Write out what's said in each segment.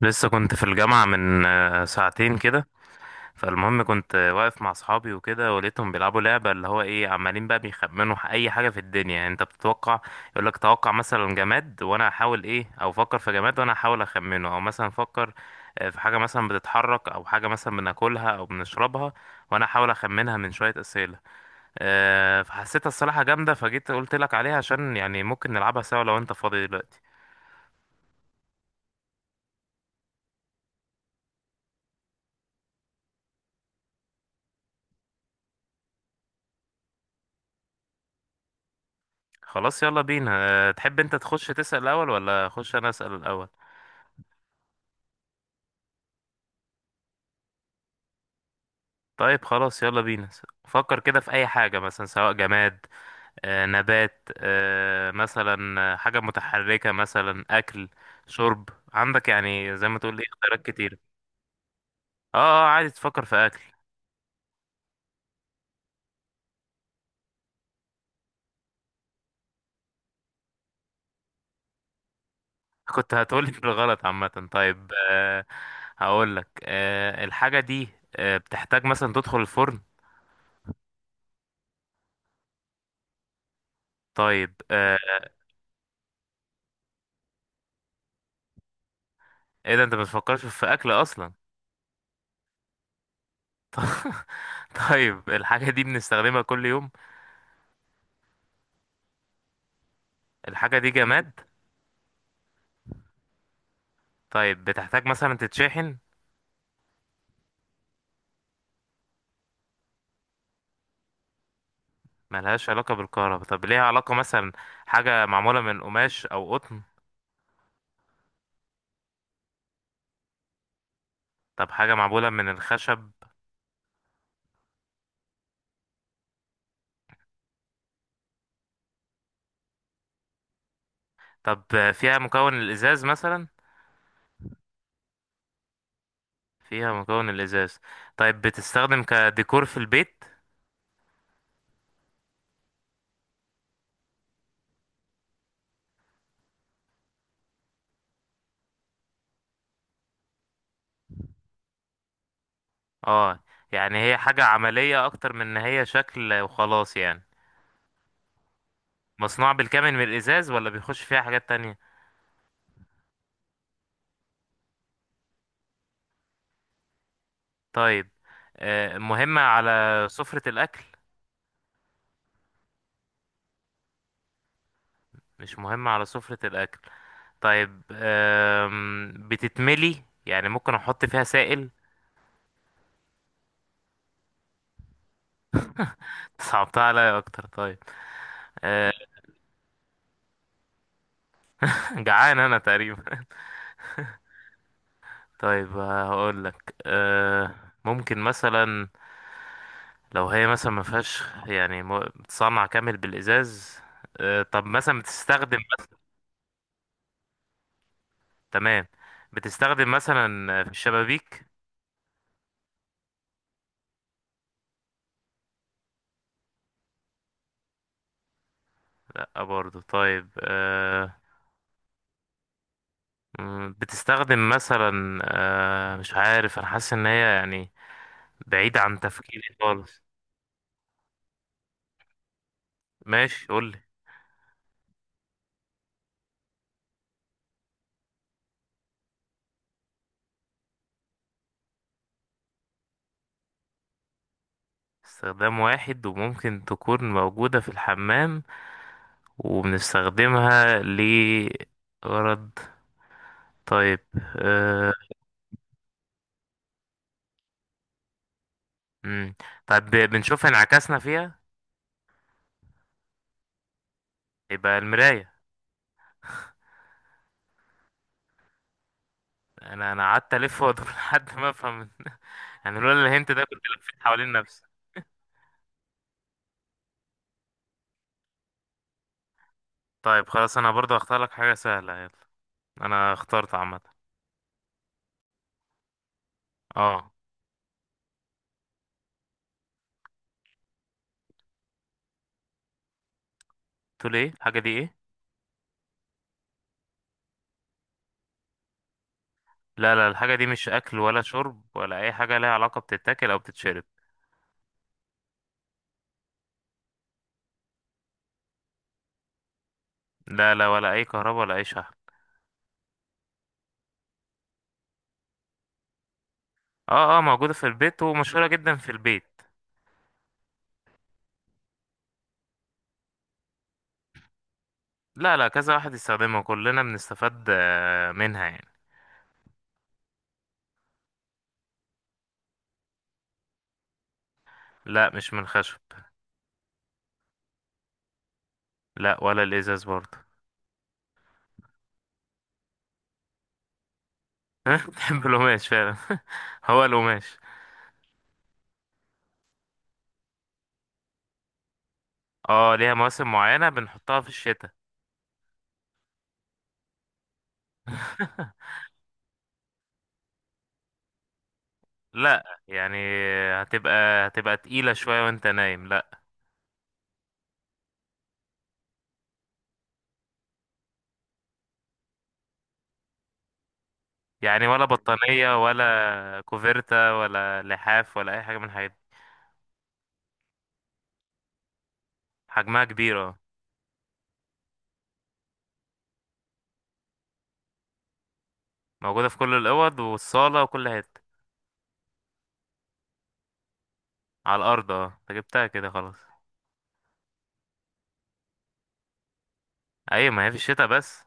لسه كنت في الجامعة من ساعتين كده. فالمهم كنت واقف مع أصحابي وكده، ولقيتهم بيلعبوا لعبة، اللي هو إيه، عمالين بقى بيخمنوا أي حاجة في الدنيا. يعني أنت بتتوقع، يقولك توقع مثلا جماد وأنا أحاول إيه، أو فكر في جماد وأنا أحاول أخمنه، أو مثلا فكر في حاجة مثلا بتتحرك، أو حاجة مثلا بناكلها أو بنشربها، وأنا أحاول أخمنها من شوية أسئلة. فحسيتها الصراحة جامدة، فجيت قلت لك عليها عشان يعني ممكن نلعبها سوا لو أنت فاضي دلوقتي. خلاص، يلا بينا. تحب انت تخش تسأل الاول ولا اخش انا اسأل الاول؟ طيب خلاص، يلا بينا. فكر كده في اي حاجة، مثلا سواء جماد نبات، مثلا حاجة متحركة، مثلا اكل، شرب. عندك يعني زي ما تقول ايه اختيارات كتير. اه، عادي تفكر في اكل. كنت هتقولي بالغلط. عامة طيب، هقول لك الحاجة دي بتحتاج مثلا تدخل الفرن؟ طيب ايه ده، انت ما بتفكرش في اكل اصلا؟ طيب الحاجة دي بنستخدمها كل يوم. الحاجة دي جماد. طيب بتحتاج مثلا تتشحن؟ ملهاش علاقة بالكهرباء. طب ليها علاقة مثلا، حاجة معمولة من قماش أو قطن؟ طب حاجة معمولة من الخشب؟ طب فيها مكون الإزاز مثلا؟ فيها مكون الإزاز. طيب بتستخدم كديكور في البيت؟ اه، يعني هي حاجة عملية أكتر من إن هي شكل وخلاص يعني. مصنوع بالكامل من الإزاز ولا بيخش فيها حاجات تانية؟ طيب مهمة على سفرة الأكل؟ مش مهم على سفرة الأكل. طيب بتتملي، يعني ممكن أحط فيها سائل؟ صعبتها عليا أكتر. طيب أه، جعان أنا تقريبا. طيب هقول لك ممكن مثلا، لو هي مثلا ما فيهاش، يعني بتصنع كامل بالإزاز. طب مثلا بتستخدم. تمام، بتستخدم مثلا في الشبابيك؟ لا برضو. طيب بتستخدم مثلا مش عارف، أنا حاسس إن هي يعني بعيد عن تفكيري خالص. ماشي، قولي. استخدام واحد وممكن تكون موجودة في الحمام، وبنستخدمها لغرض. طيب أه... مم. طيب بنشوف انعكاسنا فيها، يبقى المراية. انا قعدت الف وادور لحد ما افهم. يعني لولا الهنت ده كنت لفيت حوالين نفسي. طيب خلاص، انا برضو هختار لك حاجة سهلة، يلا. انا اخترت عامة. اه، تقول ايه الحاجة دي ايه؟ لا لا، الحاجة دي مش اكل ولا شرب ولا اي حاجة لها علاقة بتتاكل او بتتشرب. لا لا، ولا اي كهرباء ولا اي شحن. اه اه، موجودة في البيت ومشهورة جدا في البيت. لا لا، كذا واحد يستخدمها، كلنا بنستفاد منها يعني. لا مش من الخشب. لا ولا الازاز برضه. بحب القماش فعلا. هو القماش. اه ليها مواسم معينة، بنحطها في الشتاء. لا يعني، هتبقى هتبقى تقيلة شوية وانت نايم، لا. يعني ولا بطانية ولا كوفيرتا ولا لحاف ولا اي حاجة من الحاجات دي. حجمها كبير اه. موجودة في كل الأوض والصالة وكل حتة. على الارض اه، انت جبتها كده خلاص. ايوه، ما هي في الشتاء بس.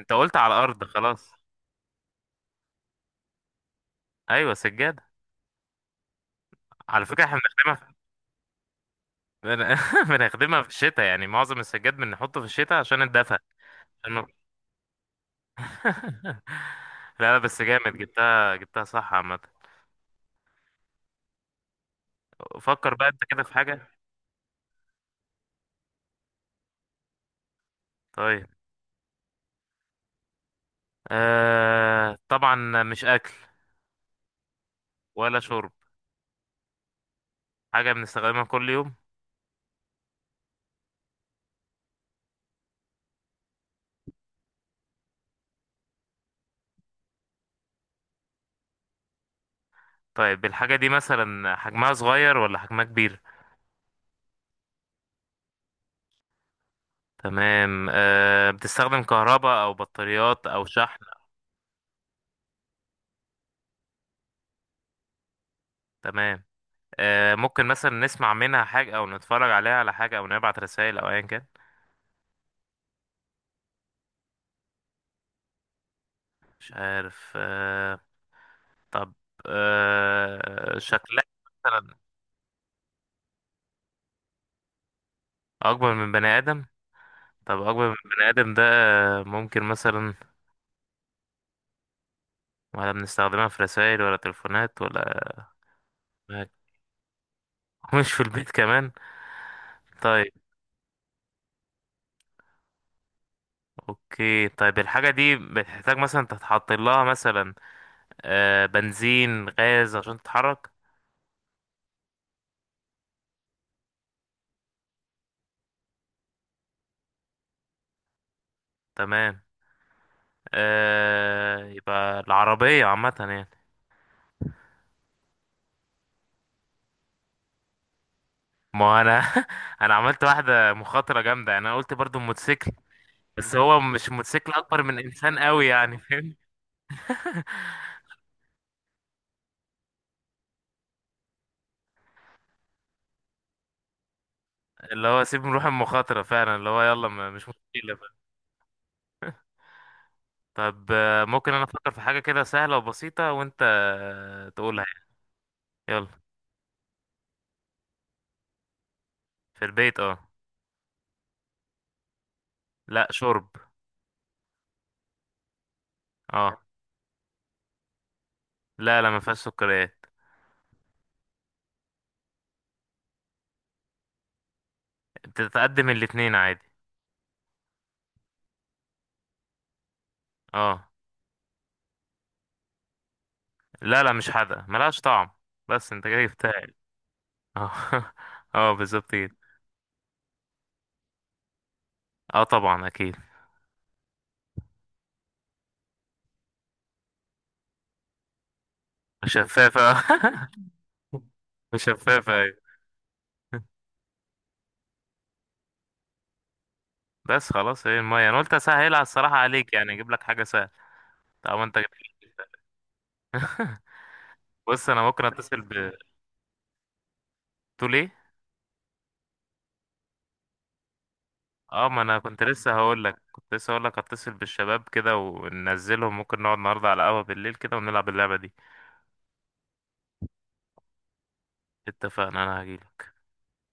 انت قلت على الارض خلاص. ايوه سجاد. على فكره احنا بنخدمها في... بنخدمها في الشتاء، يعني معظم السجاد بنحطه في الشتاء عشان الدفا. عشان- لا لا، بس جامد، جبتها جبتها صح عامه. فكر بقى انت كده في حاجه. طيب طبعا مش اكل ولا شرب. حاجه بنستخدمها كل يوم. طيب الحاجه دي مثلا حجمها صغير ولا حجمها كبير؟ تمام. بتستخدم كهرباء او بطاريات او شحن؟ تمام. ممكن مثلا نسمع منها حاجة او نتفرج عليها على حاجة او نبعت رسائل او ايا كان. مش عارف طب شكلها مثلا اكبر من بني ادم. طب اكبر من بني ادم ده، ممكن مثلا، ولا بنستخدمها في رسائل ولا تليفونات ولا مش في البيت كمان. طيب اوكي، طيب الحاجة دي بتحتاج مثلا تتحط لها مثلا بنزين غاز عشان تتحرك. تمام. يبقى العربية عامة يعني. ما انا انا عملت واحدة مخاطرة جامدة يعني، انا قلت برضو الموتوسيكل، بس هو مش موتوسيكل، اكبر من انسان قوي يعني فاهم. اللي هو سيب نروح المخاطرة فعلا، اللي هو يلا، مش مشكلة بقى. طب ممكن انا افكر في حاجة كده سهلة وبسيطة، وانت تقولها يعني. يلا. في البيت اه. لا شرب. اه. لا لا، ما فيهاش سكريات. بتتقدم الاتنين عادي. اه. لا لا، مش حادقة، ملهاش طعم. بس انت كده جبتها. اه اه بالظبط كده. اه طبعا اكيد. شفافة شفافة ايوه. بس خلاص، هي المية. انا قلت اسهلها الصراحة عليك، يعني اجيب لك حاجة سهلة. طب انت جبت لي بص انا ممكن اتصل ب. تقول ايه؟ اه، ما انا كنت لسه هقول لك اتصل بالشباب كده وننزلهم، ممكن نقعد النهارده على قهوة بالليل كده ونلعب اللعبة دي. اتفقنا، انا هجيلك.